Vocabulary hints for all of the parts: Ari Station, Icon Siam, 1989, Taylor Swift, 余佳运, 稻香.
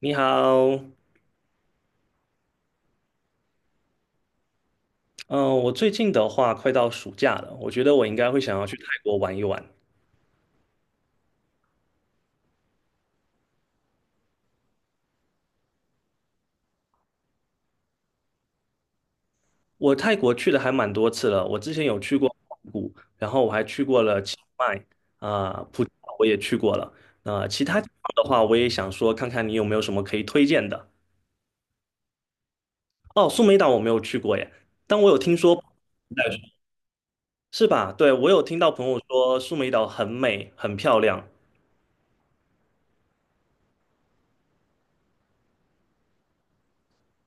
你好。嗯，我最近的话快到暑假了，我觉得我应该会想要去泰国玩一玩。我泰国去的还蛮多次了，我之前有去过曼谷，然后我还去过了清迈，啊、普吉岛我也去过了。啊，其他地方的话，我也想说看看你有没有什么可以推荐的。哦，苏梅岛我没有去过耶，但我有听说，是吧？对，我有听到朋友说苏梅岛很美，很漂亮。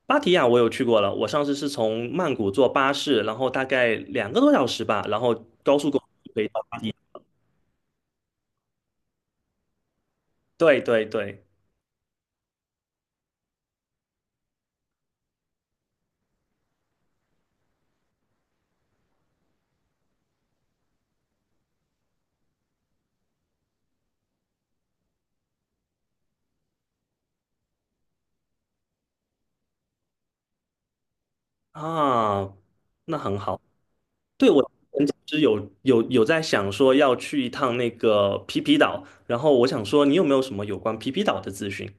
芭提雅我有去过了，我上次是从曼谷坐巴士，然后大概两个多小时吧，然后高速公路可以到。对对对，啊，那很好。对，我之前其实有在想说要去一趟那个皮皮岛，然后我想说你有没有什么有关皮皮岛的资讯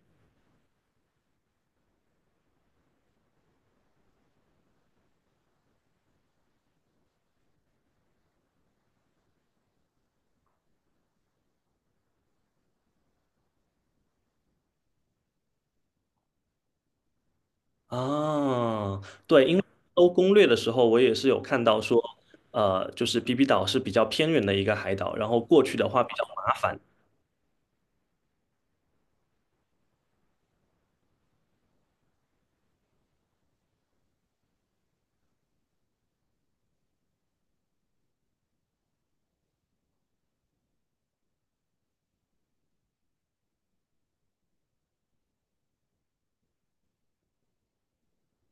啊？搜攻略的时候我也是有看到说，就是皮皮岛是比较偏远的一个海岛，然后过去的话比较麻烦。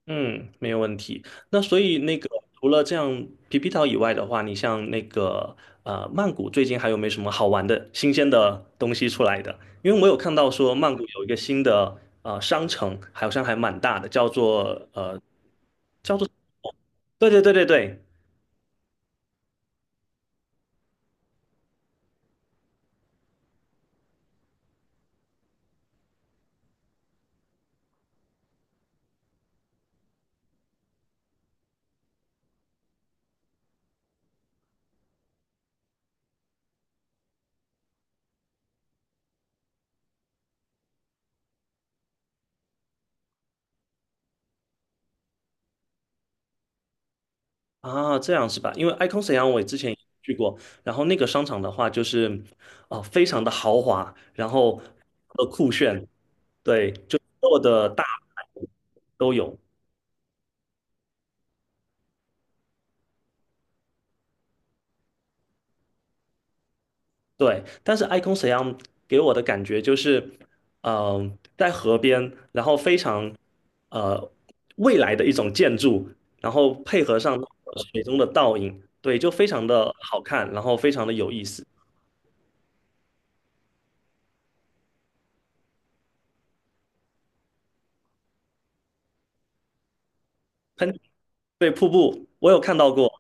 嗯，没有问题。那所以那个除了这样皮皮岛以外的话，你像那个曼谷最近还有没有什么好玩的新鲜的东西出来的？因为我有看到说曼谷有一个新的商城，好像还蛮大的，叫做叫做对对对对对啊，这样是吧？因为 Icon 沈阳我也之前也去过，然后那个商场的话就是非常的豪华，然后酷炫，对，就所有的大牌都有。对，但是 Icon 沈阳给我的感觉就是，嗯、在河边，然后非常呃未来的一种建筑，然后配合上水中的倒影，对，就非常的好看，然后非常的有意思。喷，对，瀑布我有看到过，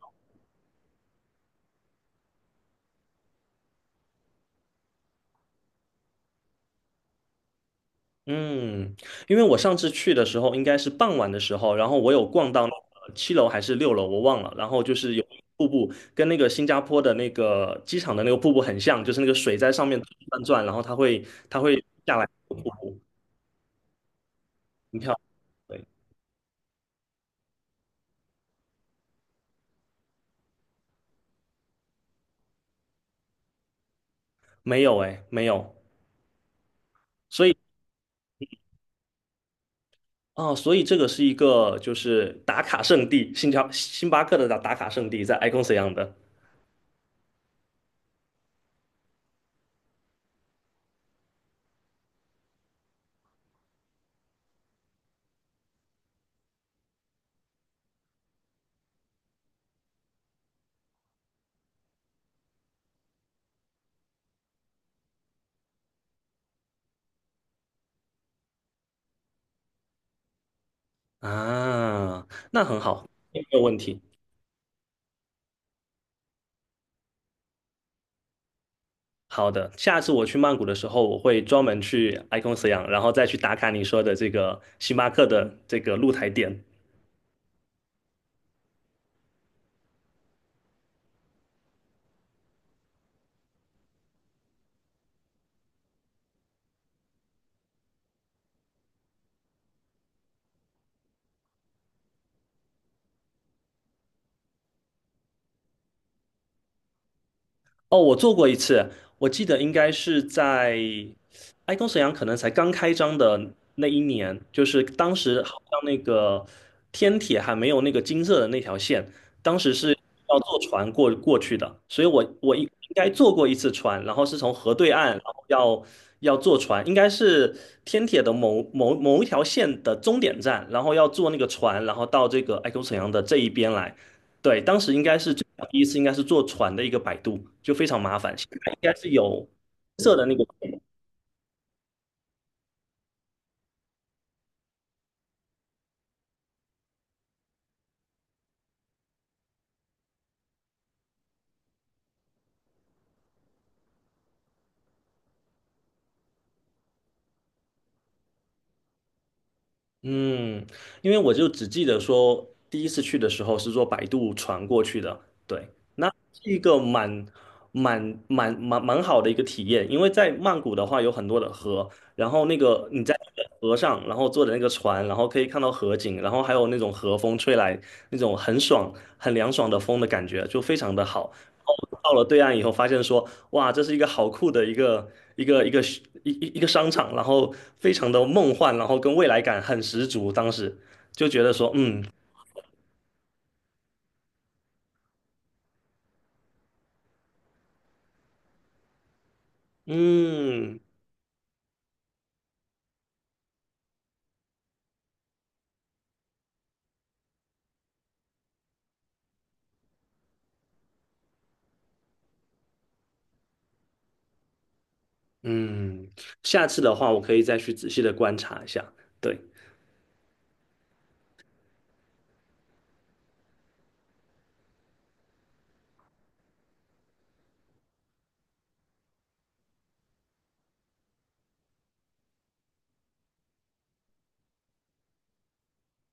嗯，因为我上次去的时候应该是傍晚的时候，然后我有逛到那个七楼还是六楼，我忘了。然后就是有瀑布，跟那个新加坡的那个机场的那个瀑布很像，就是那个水在上面转转，然后它会下来瀑布，很漂亮。对，没有哎，没有。所以啊，所以这个是一个就是打卡圣地，新加星巴克的打卡圣地在 Icon 样的啊，那很好，没有问题。好的，下次我去曼谷的时候，我会专门去 Icon Siam,然后再去打卡你说的这个星巴克的这个露台店。哦，我坐过一次，我记得应该是在爱工沈阳可能才刚开张的那一年，就是当时好像那个天铁还没有那个金色的那条线，当时是要坐船过去的，所以我应该坐过一次船，然后是从河对岸，然后要坐船，应该是天铁的某一条线的终点站，然后要坐那个船，然后到这个爱工沈阳的这一边来。对，当时应该是最早第一次，应该是坐船的一个摆渡，就非常麻烦。现在应该是有灰色的那个，嗯，因为我就只记得说第一次去的时候是坐摆渡船过去的，对，那是一个蛮好的一个体验，因为在曼谷的话有很多的河，然后那个你在那个河上，然后坐的那个船，然后可以看到河景，然后还有那种河风吹来，那种很爽、很凉爽的风的感觉，就非常的好。到了对岸以后，发现说，哇，这是一个好酷的一个商场，然后非常的梦幻，然后跟未来感很十足。当时就觉得说，嗯嗯，下次的话我可以再去仔细的观察一下。对。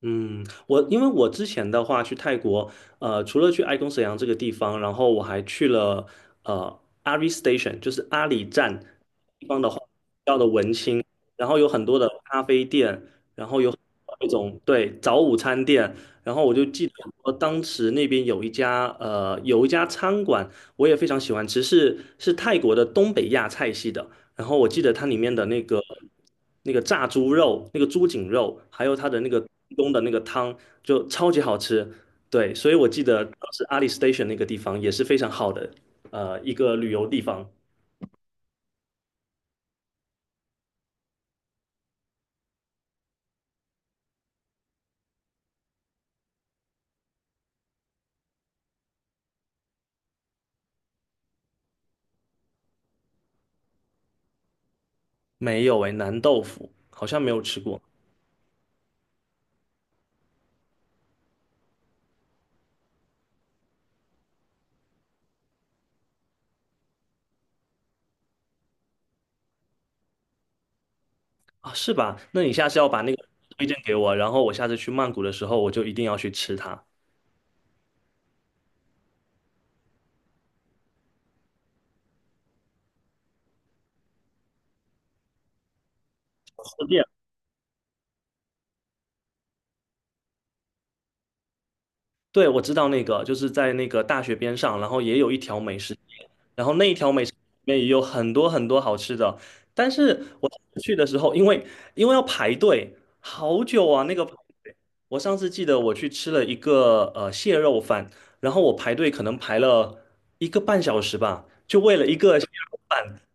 嗯，我因为我之前的话去泰国，呃，除了去爱公沈阳这个地方，然后我还去了阿里 Station,就是阿里站地方的话，比较的文青，然后有很多的咖啡店，然后有很多那种对早午餐店，然后我就记得说当时那边有一家呃有一家餐馆，我也非常喜欢吃，是泰国的东北亚菜系的，然后我记得它里面的那个炸猪肉、那个猪颈肉，还有它的那个东冬的那个汤，就超级好吃。对，所以我记得当时阿里 Station 那个地方也是非常好的，一个旅游地方。没有诶，南豆腐好像没有吃过啊，是吧？那你下次要把那个推荐给我，然后我下次去曼谷的时候，我就一定要去吃它。对，我知道那个，就是在那个大学边上，然后也有一条美食街，然后那一条美食街里面也有很多很多好吃的。但是我上次去的时候，因为要排队，好久啊，那个排队。我上次记得我去吃了一个蟹肉饭，然后我排队可能排了一个半小时吧，就为了一个蟹肉饭。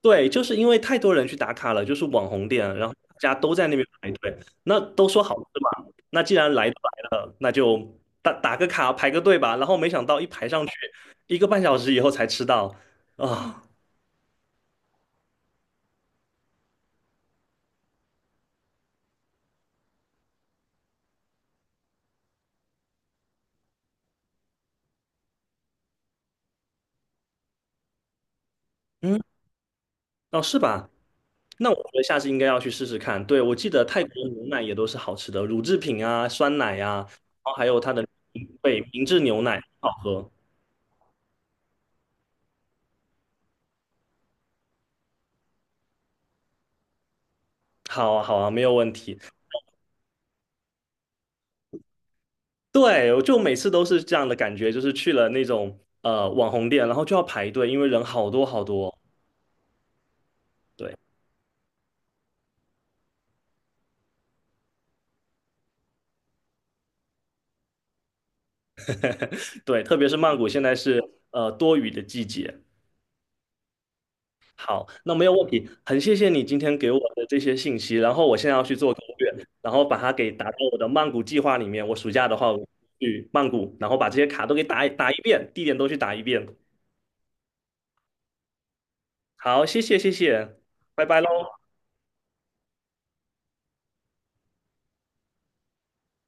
对，就是因为太多人去打卡了，就是网红店，然后大家都在那边排队，那都说好吃嘛，那既然来都来了，那就打个卡排个队吧。然后没想到一排上去，一个半小时以后才吃到，啊、嗯，哦，是吧？那我觉得下次应该要去试试看。对，我记得泰国牛奶也都是好吃的，乳制品啊、酸奶呀，然后还有它的对明治牛奶好喝。好啊，好啊，没有问题。对，我就每次都是这样的感觉，就是去了那种网红店，然后就要排队，因为人好多好多。对对，特别是曼谷现在是多雨的季节。好，那没有问题，很谢谢你今天给我的这些信息，然后我现在要去做攻略，然后把它给打到我的曼谷计划里面。我暑假的话，我去曼谷，然后把这些卡都给打一遍，地点都去打一遍。好，谢谢，拜拜喽。